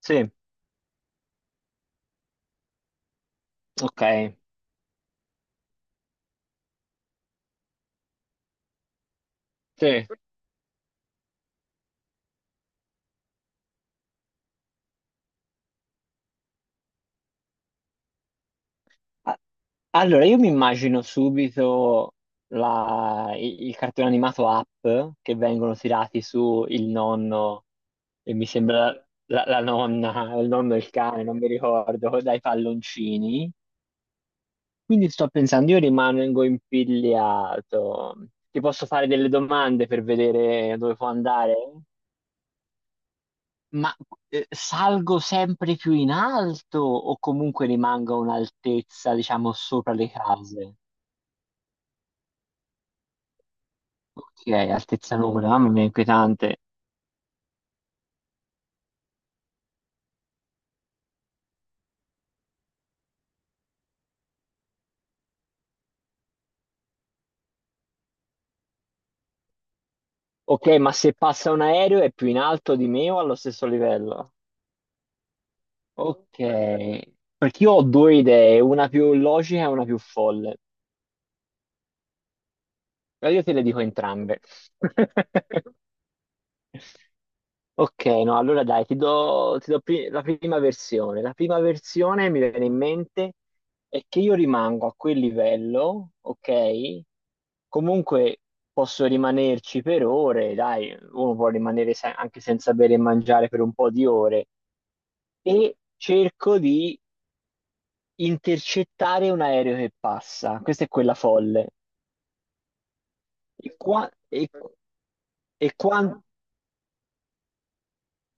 Sì, ok. Sì. A- Allora, io mi immagino subito il cartone animato Up che vengono tirati su il nonno e mi sembra la nonna, o il nonno e il cane, non mi ricordo, dai palloncini. Quindi sto pensando, io rimango impigliato. Ti posso fare delle domande per vedere dove può andare? Ma salgo sempre più in alto o comunque rimango a un'altezza, diciamo, sopra le case? Ok, altezza nuvola, mamma mia, inquietante. Ok, ma se passa un aereo è più in alto di me o allo stesso livello? Ok, perché io ho due idee, una più logica e una più folle. Ma io te le dico entrambe. Ok, no, allora dai, ti do la prima versione. La prima versione mi viene in mente è che io rimango a quel livello, ok? Comunque posso rimanerci per ore, dai, uno può rimanere anche senza bere e mangiare per un po' di ore e cerco di intercettare un aereo che passa. Questa è quella folle. E qua, e qua,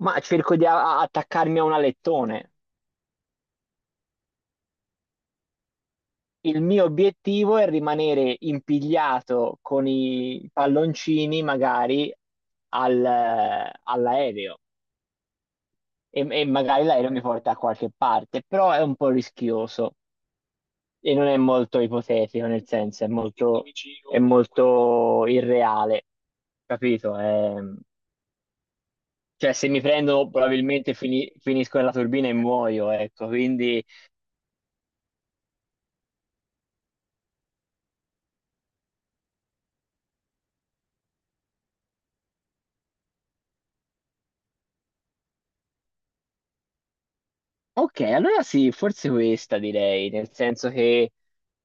ma cerco di attaccarmi a un alettone. Il mio obiettivo è rimanere impigliato con i palloncini magari all'aereo e magari l'aereo mi porta a qualche parte, però è un po' rischioso e non è molto ipotetico, nel senso è molto irreale, capito? Cioè se mi prendo probabilmente finisco nella turbina e muoio, ecco, quindi... Ok, allora sì, forse questa direi, nel senso che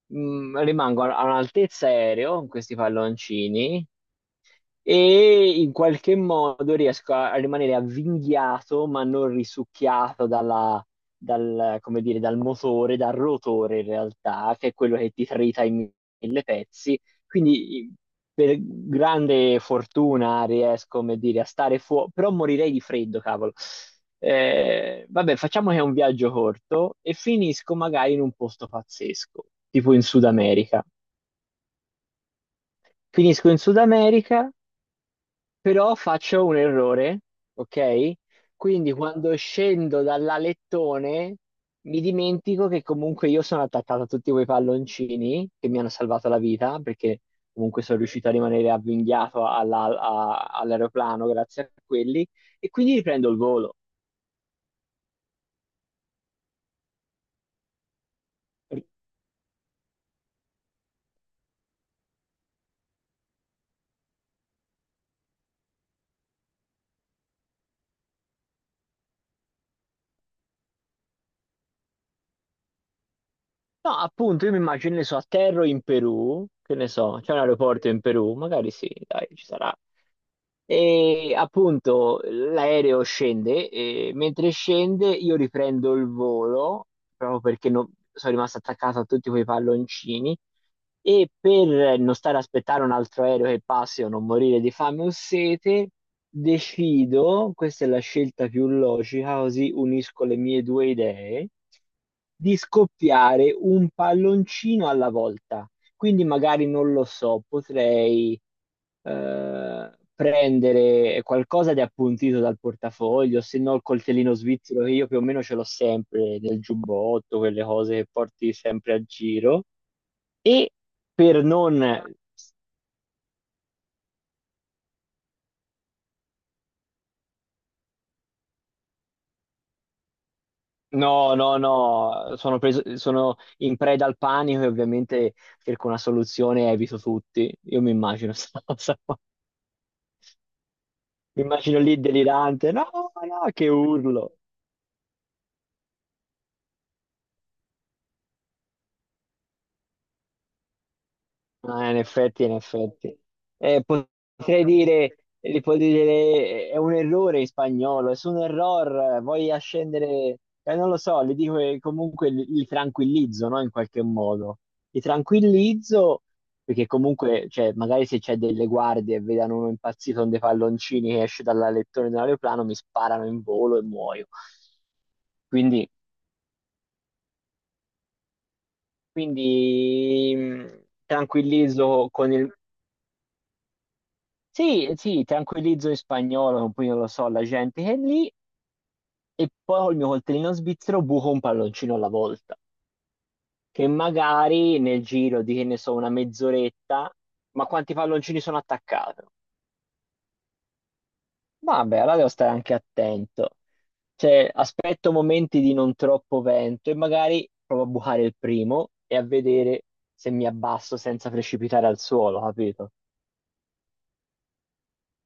rimango a un'altezza aereo con questi palloncini e in qualche modo riesco a rimanere avvinghiato ma non risucchiato dal, come dire, dal motore, dal rotore in realtà, che è quello che ti trita in mille pezzi. Quindi per grande fortuna riesco, come dire, a stare fuori, però morirei di freddo, cavolo. Vabbè, facciamo che è un viaggio corto e finisco magari in un posto pazzesco, tipo in Sud America. Finisco in Sud America però faccio un errore, ok? Quindi quando scendo dall'alettone mi dimentico che comunque io sono attaccato a tutti quei palloncini che mi hanno salvato la vita, perché comunque sono riuscito a rimanere avvinghiato all'aeroplano grazie a quelli, e quindi riprendo il volo. No, appunto, io mi immagino, che ne so, atterro in Perù, che ne so, c'è un aeroporto in Perù, magari sì, dai, ci sarà. E appunto l'aereo scende e mentre scende io riprendo il volo proprio perché sono rimasto attaccato a tutti quei palloncini e per non stare a aspettare un altro aereo che passi o non morire di fame o sete, decido, questa è la scelta più logica, così unisco le mie due idee, di scoppiare un palloncino alla volta. Quindi magari non lo so, potrei prendere qualcosa di appuntito dal portafoglio, se no il coltellino svizzero che io più o meno ce l'ho sempre nel giubbotto, quelle cose che porti sempre a giro. E per non... No, no, no, sono preso, sono in preda al panico e ovviamente cerco una soluzione e evito tutti. Io mi immagino sta cosa qua. Mi immagino lì delirante, no, no, che urlo. Ah, in effetti, in effetti. Potrei dire, li puoi dire, è un errore in spagnolo, es un error, voglio scendere, non lo so, li dico che comunque li tranquillizzo, no, in qualche modo. Li tranquillizzo perché comunque, cioè, magari se c'è delle guardie e vedono uno impazzito con dei palloncini che esce dalla lettore di un aeroplano, mi sparano in volo e muoio. Quindi, quindi tranquillizzo con il, sì, sì, tranquillizzo in spagnolo, poi non lo so, la gente che è lì, e poi col mio coltellino svizzero buco un palloncino alla volta, che magari nel giro di, che ne so, una mezz'oretta, ma quanti palloncini sono attaccato? Vabbè, allora devo stare anche attento. Cioè, aspetto momenti di non troppo vento e magari provo a bucare il primo e a vedere se mi abbasso senza precipitare al suolo, capito?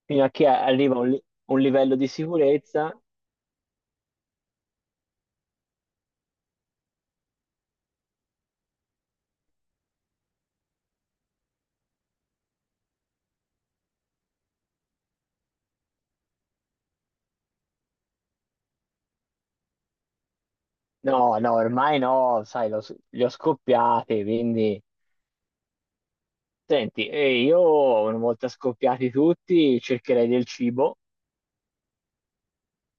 Fino a che arriva un livello di sicurezza. No, no, ormai no, sai, li ho scoppiati, quindi... Senti, e io una volta scoppiati tutti cercherei del cibo,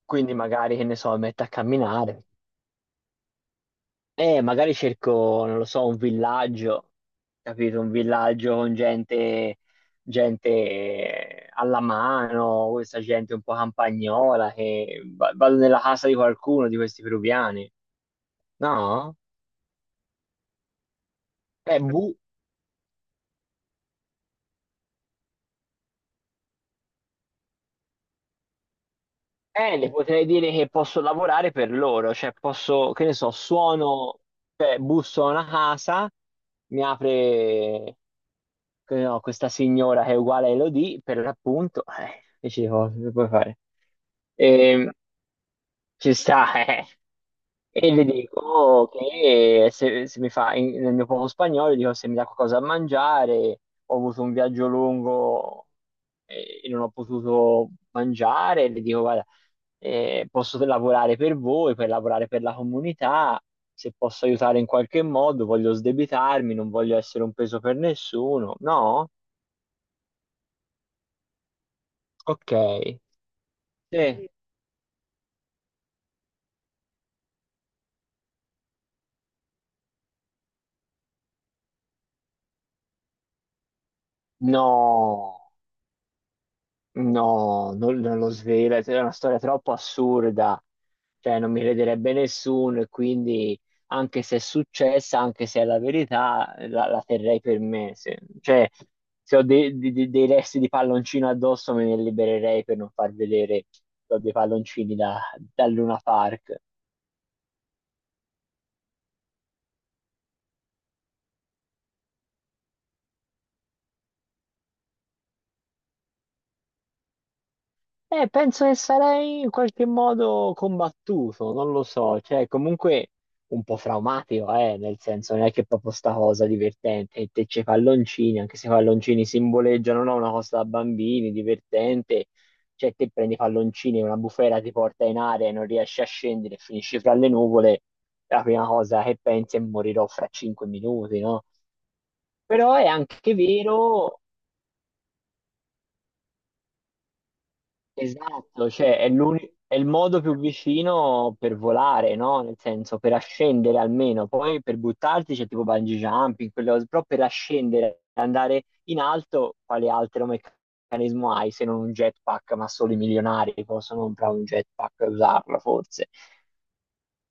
quindi magari, che ne so, mi metto a camminare. E magari cerco, non lo so, un villaggio, capito? Un villaggio con gente, gente alla mano, questa gente un po' campagnola, che vado nella casa di qualcuno di questi peruviani. No? Eh, bu- le potrei dire che posso lavorare per loro, cioè posso, che ne so, suono, cioè busso a una casa, mi apre che no, questa signora che è uguale a Elodie, per l'appunto, che ci cose che puoi fare? E, ci sta, eh. E le dico che se mi fa, nel mio poco spagnolo, dico se mi dà qualcosa da mangiare, ho avuto un viaggio lungo e non ho potuto mangiare, le dico guarda, posso lavorare per voi, per lavorare per la comunità, se posso aiutare in qualche modo, voglio sdebitarmi, non voglio essere un peso per nessuno. No? Ok. Sì. Sì. No, no, non lo svela, è una storia troppo assurda, cioè non mi crederebbe nessuno e quindi anche se è successa, anche se è la verità, la terrei per me. Se, cioè, se ho dei resti di palloncino addosso me ne libererei per non far vedere che ho dei palloncini da Luna Park. Penso che sarei in qualche modo combattuto, non lo so, cioè comunque un po' traumatico, nel senso non è che proprio sta cosa divertente, e te c'è i palloncini, anche se i palloncini simboleggiano no, una cosa da bambini, divertente, cioè te prendi i palloncini, una bufera ti porta in aria e non riesci a scendere, finisci fra le nuvole, la prima cosa che pensi è morirò fra 5 minuti, no? Però è anche vero. Esatto, cioè è il modo più vicino per volare, no? Nel senso, per ascendere almeno, poi per buttarti c'è tipo bungee jumping, quelle cose, però per ascendere, andare in alto, quale altro meccanismo hai se non un jetpack? Ma solo i milionari possono comprare un jetpack e usarlo, forse.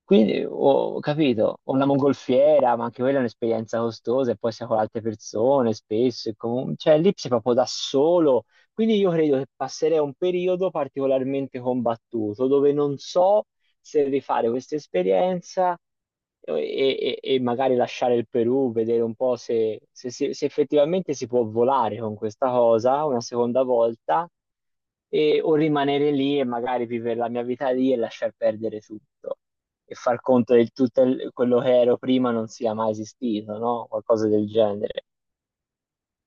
Quindi ho capito, ho una mongolfiera, ma anche quella è un'esperienza costosa e poi sei con altre persone spesso, e cioè lì sei proprio da solo. Quindi io credo che passerei un periodo particolarmente combattuto dove non so se rifare questa esperienza e magari lasciare il Perù, vedere un po' se effettivamente si può volare con questa cosa una seconda volta o rimanere lì e magari vivere la mia vita lì e lasciar perdere tutto e far conto che quello che ero prima non sia mai esistito, no? Qualcosa del genere.